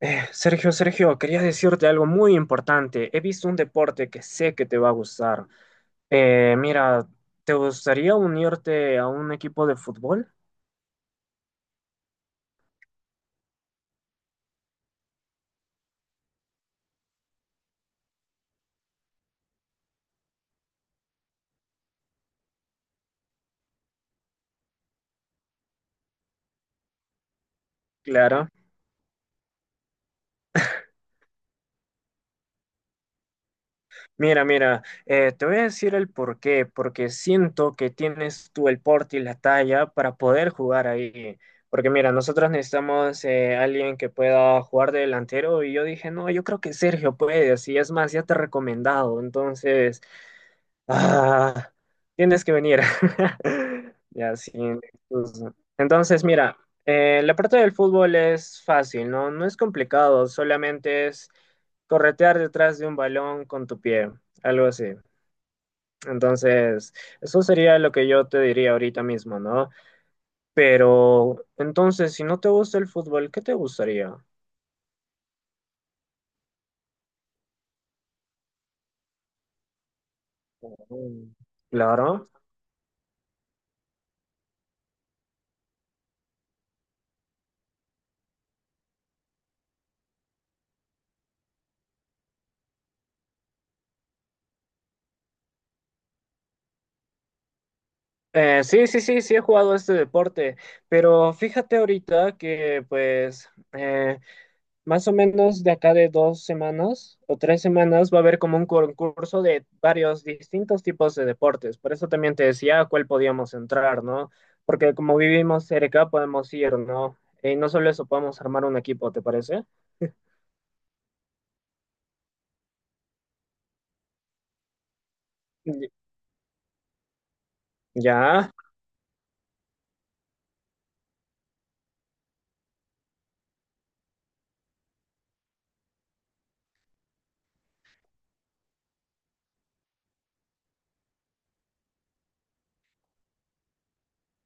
Sergio, Sergio, quería decirte algo muy importante. He visto un deporte que sé que te va a gustar. Mira, ¿te gustaría unirte a un equipo de fútbol? Claro. Mira, te voy a decir el por qué, porque siento que tienes tú el porte y la talla para poder jugar ahí. Porque mira, nosotros necesitamos alguien que pueda jugar de delantero y yo dije, no, yo creo que Sergio puede, así es más, ya te he recomendado. Entonces... Ah, tienes que venir. Ya, sí. Pues, entonces, mira, la parte del fútbol es fácil, ¿no? No es complicado, solamente es corretear detrás de un balón con tu pie, algo así. Entonces, eso sería lo que yo te diría ahorita mismo, ¿no? Pero, entonces, si no te gusta el fútbol, ¿qué te gustaría? Mm. Claro. Sí, he jugado este deporte, pero fíjate ahorita que pues más o menos de acá de dos semanas o tres semanas va a haber como un concurso de varios distintos tipos de deportes. Por eso también te decía a cuál podíamos entrar, ¿no? Porque como vivimos cerca podemos ir, ¿no? Y no solo eso, podemos armar un equipo, ¿te parece? Y- ya.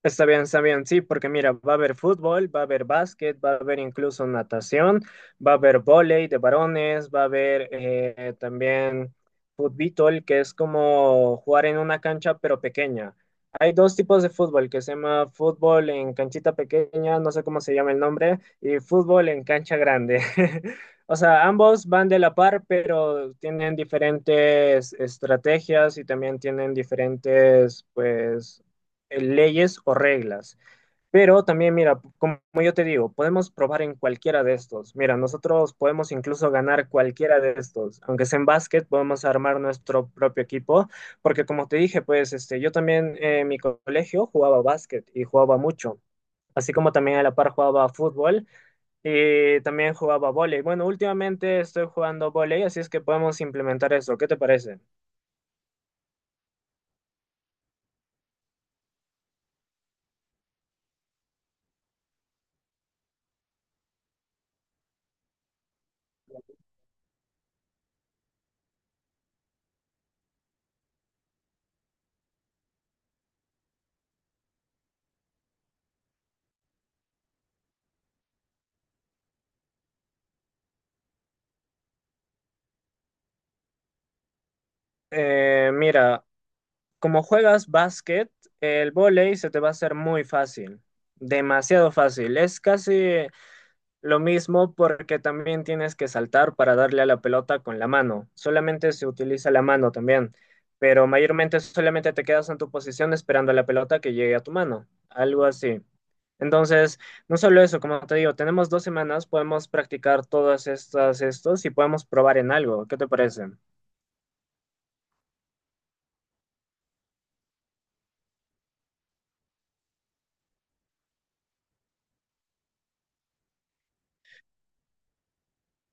Está bien, sí, porque mira, va a haber fútbol, va a haber básquet, va a haber incluso natación, va a haber vóley de varones, va a haber también fútbol, que es como jugar en una cancha pero pequeña. Hay dos tipos de fútbol, que se llama fútbol en canchita pequeña, no sé cómo se llama el nombre, y fútbol en cancha grande. O sea, ambos van de la par, pero tienen diferentes estrategias y también tienen diferentes, pues leyes o reglas. Pero también, mira, como yo te digo, podemos probar en cualquiera de estos. Mira, nosotros podemos incluso ganar cualquiera de estos. Aunque sea en básquet, podemos armar nuestro propio equipo. Porque como te dije, pues este, yo también en mi colegio jugaba básquet y jugaba mucho. Así como también a la par jugaba fútbol y también jugaba vóley. Bueno, últimamente estoy jugando vóley, así es que podemos implementar eso. ¿Qué te parece? Mira, como juegas básquet, el vóley se te va a hacer muy fácil, demasiado fácil. Es casi lo mismo porque también tienes que saltar para darle a la pelota con la mano. Solamente se utiliza la mano también, pero mayormente solamente te quedas en tu posición esperando a la pelota que llegue a tu mano, algo así. Entonces, no solo eso, como te digo, tenemos dos semanas, podemos practicar todas estas, estos y podemos probar en algo. ¿Qué te parece?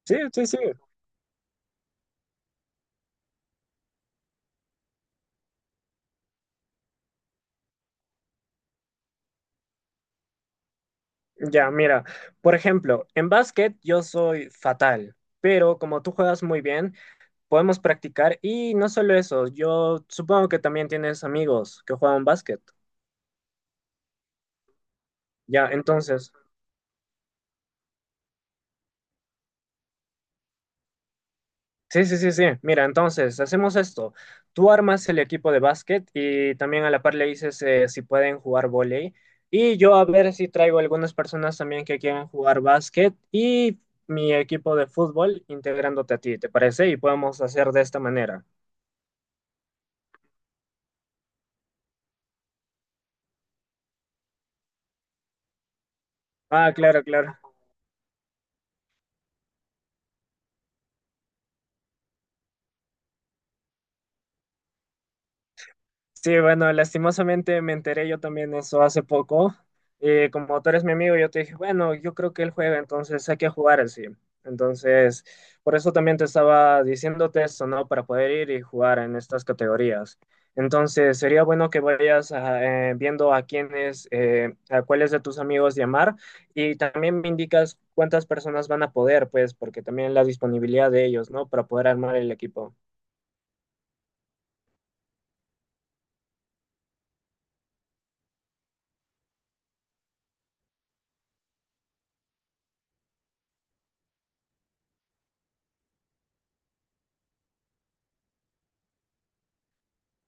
Sí, sí, sí. Ya, mira, por ejemplo, en básquet yo soy fatal, pero como tú juegas muy bien, podemos practicar y no solo eso, yo supongo que también tienes amigos que juegan básquet. Ya, entonces, sí, sí, sí, sí, mira, entonces hacemos esto, tú armas el equipo de básquet y también a la par le dices si pueden jugar vóley y yo a ver si traigo algunas personas también que quieran jugar básquet y mi equipo de fútbol integrándote a ti, ¿te parece? Y podemos hacer de esta manera. Ah, claro, claro. Sí, bueno, lastimosamente me enteré yo también eso hace poco. Como tú eres mi amigo, yo te dije, bueno, yo creo que él juega, entonces hay que jugar así. Entonces, por eso también te estaba diciéndote esto, ¿no? Para poder ir y jugar en estas categorías. Entonces, sería bueno que vayas viendo a quiénes, a cuáles de tus amigos llamar y también me indicas cuántas personas van a poder, pues, porque también la disponibilidad de ellos, ¿no? Para poder armar el equipo.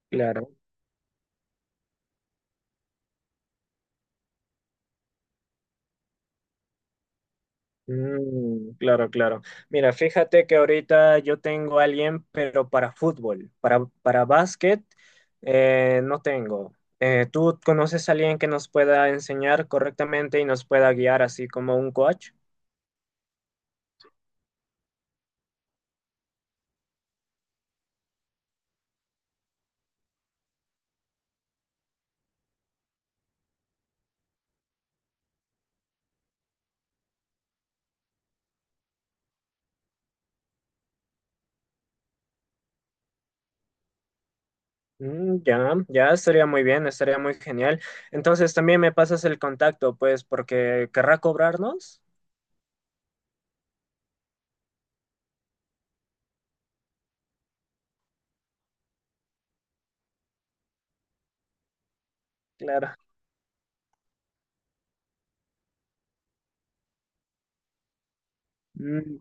Claro. Mm, claro, claro. Mira, fíjate que ahorita yo tengo a alguien, pero para fútbol, para básquet, no tengo. ¿Tú conoces a alguien que nos pueda enseñar correctamente y nos pueda guiar así como un coach? Mm, ya, ya estaría muy bien, estaría muy genial. Entonces también me pasas el contacto, pues, porque querrá cobrarnos. Claro. Mm.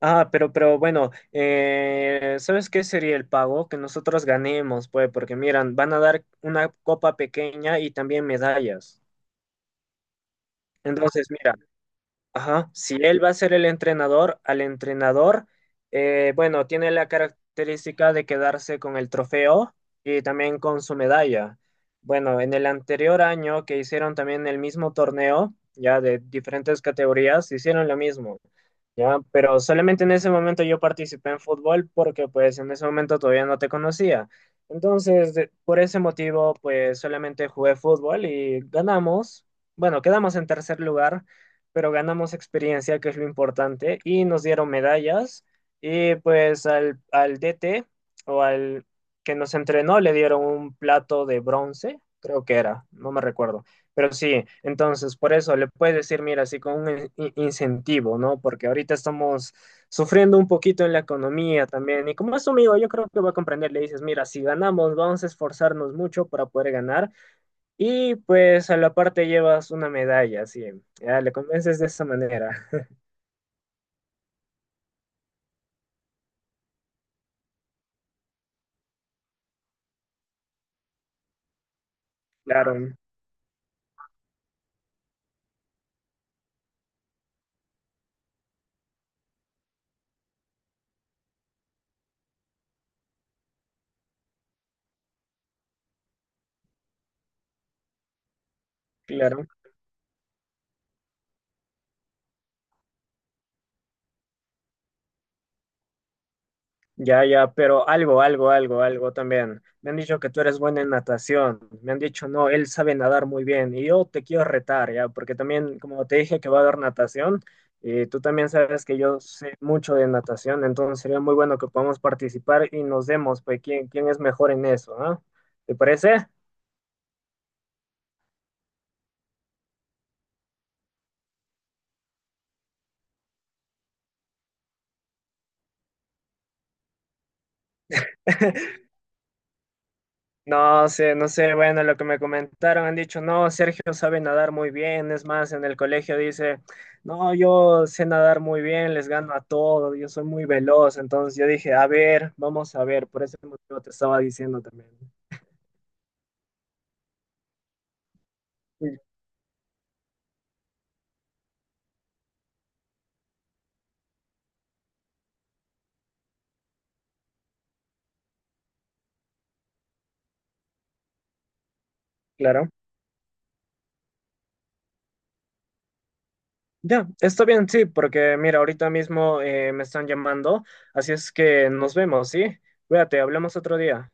Ah, pero bueno, ¿sabes qué sería el pago? Que nosotros ganemos, pues, porque miran, van a dar una copa pequeña y también medallas. Entonces, mira. Ajá, si él va a ser el entrenador, al entrenador, bueno, tiene la característica de quedarse con el trofeo y también con su medalla. Bueno, en el anterior año que hicieron también el mismo torneo, ya de diferentes categorías, hicieron lo mismo, ya, pero solamente en ese momento yo participé en fútbol porque pues en ese momento todavía no te conocía. Entonces, por ese motivo, pues solamente jugué fútbol y ganamos, bueno, quedamos en tercer lugar pero ganamos experiencia, que es lo importante, y nos dieron medallas. Y pues al DT o al que nos entrenó le dieron un plato de bronce, creo que era, no me recuerdo. Pero sí, entonces por eso le puedes decir, mira, así con un incentivo, ¿no? Porque ahorita estamos sufriendo un poquito en la economía también. Y como es tu amigo, yo creo que va a comprender, le dices, mira, si ganamos, vamos a esforzarnos mucho para poder ganar y pues a la parte llevas una medalla, sí. Ya le convences de esa manera. Claro, claro. Ya, ya, pero algo, también. Me han dicho que tú eres buena en natación. Me han dicho, no, él sabe nadar muy bien. Y yo te quiero retar, ya, porque también, como te dije que va a dar natación, y tú también sabes que yo sé mucho de natación, entonces sería muy bueno que podamos participar y nos demos, pues, quién, quién es mejor en eso, ¿ah? ¿Te parece? No sé, no sé, bueno, lo que me comentaron, han dicho, no, Sergio sabe nadar muy bien, es más, en el colegio dice, no, yo sé nadar muy bien, les gano a todo, yo soy muy veloz, entonces yo dije, a ver, vamos a ver, por ese motivo te estaba diciendo también. Sí, claro. Ya, está bien, sí, porque mira, ahorita mismo me están llamando, así es que nos vemos, ¿sí? Cuídate, hablamos otro día.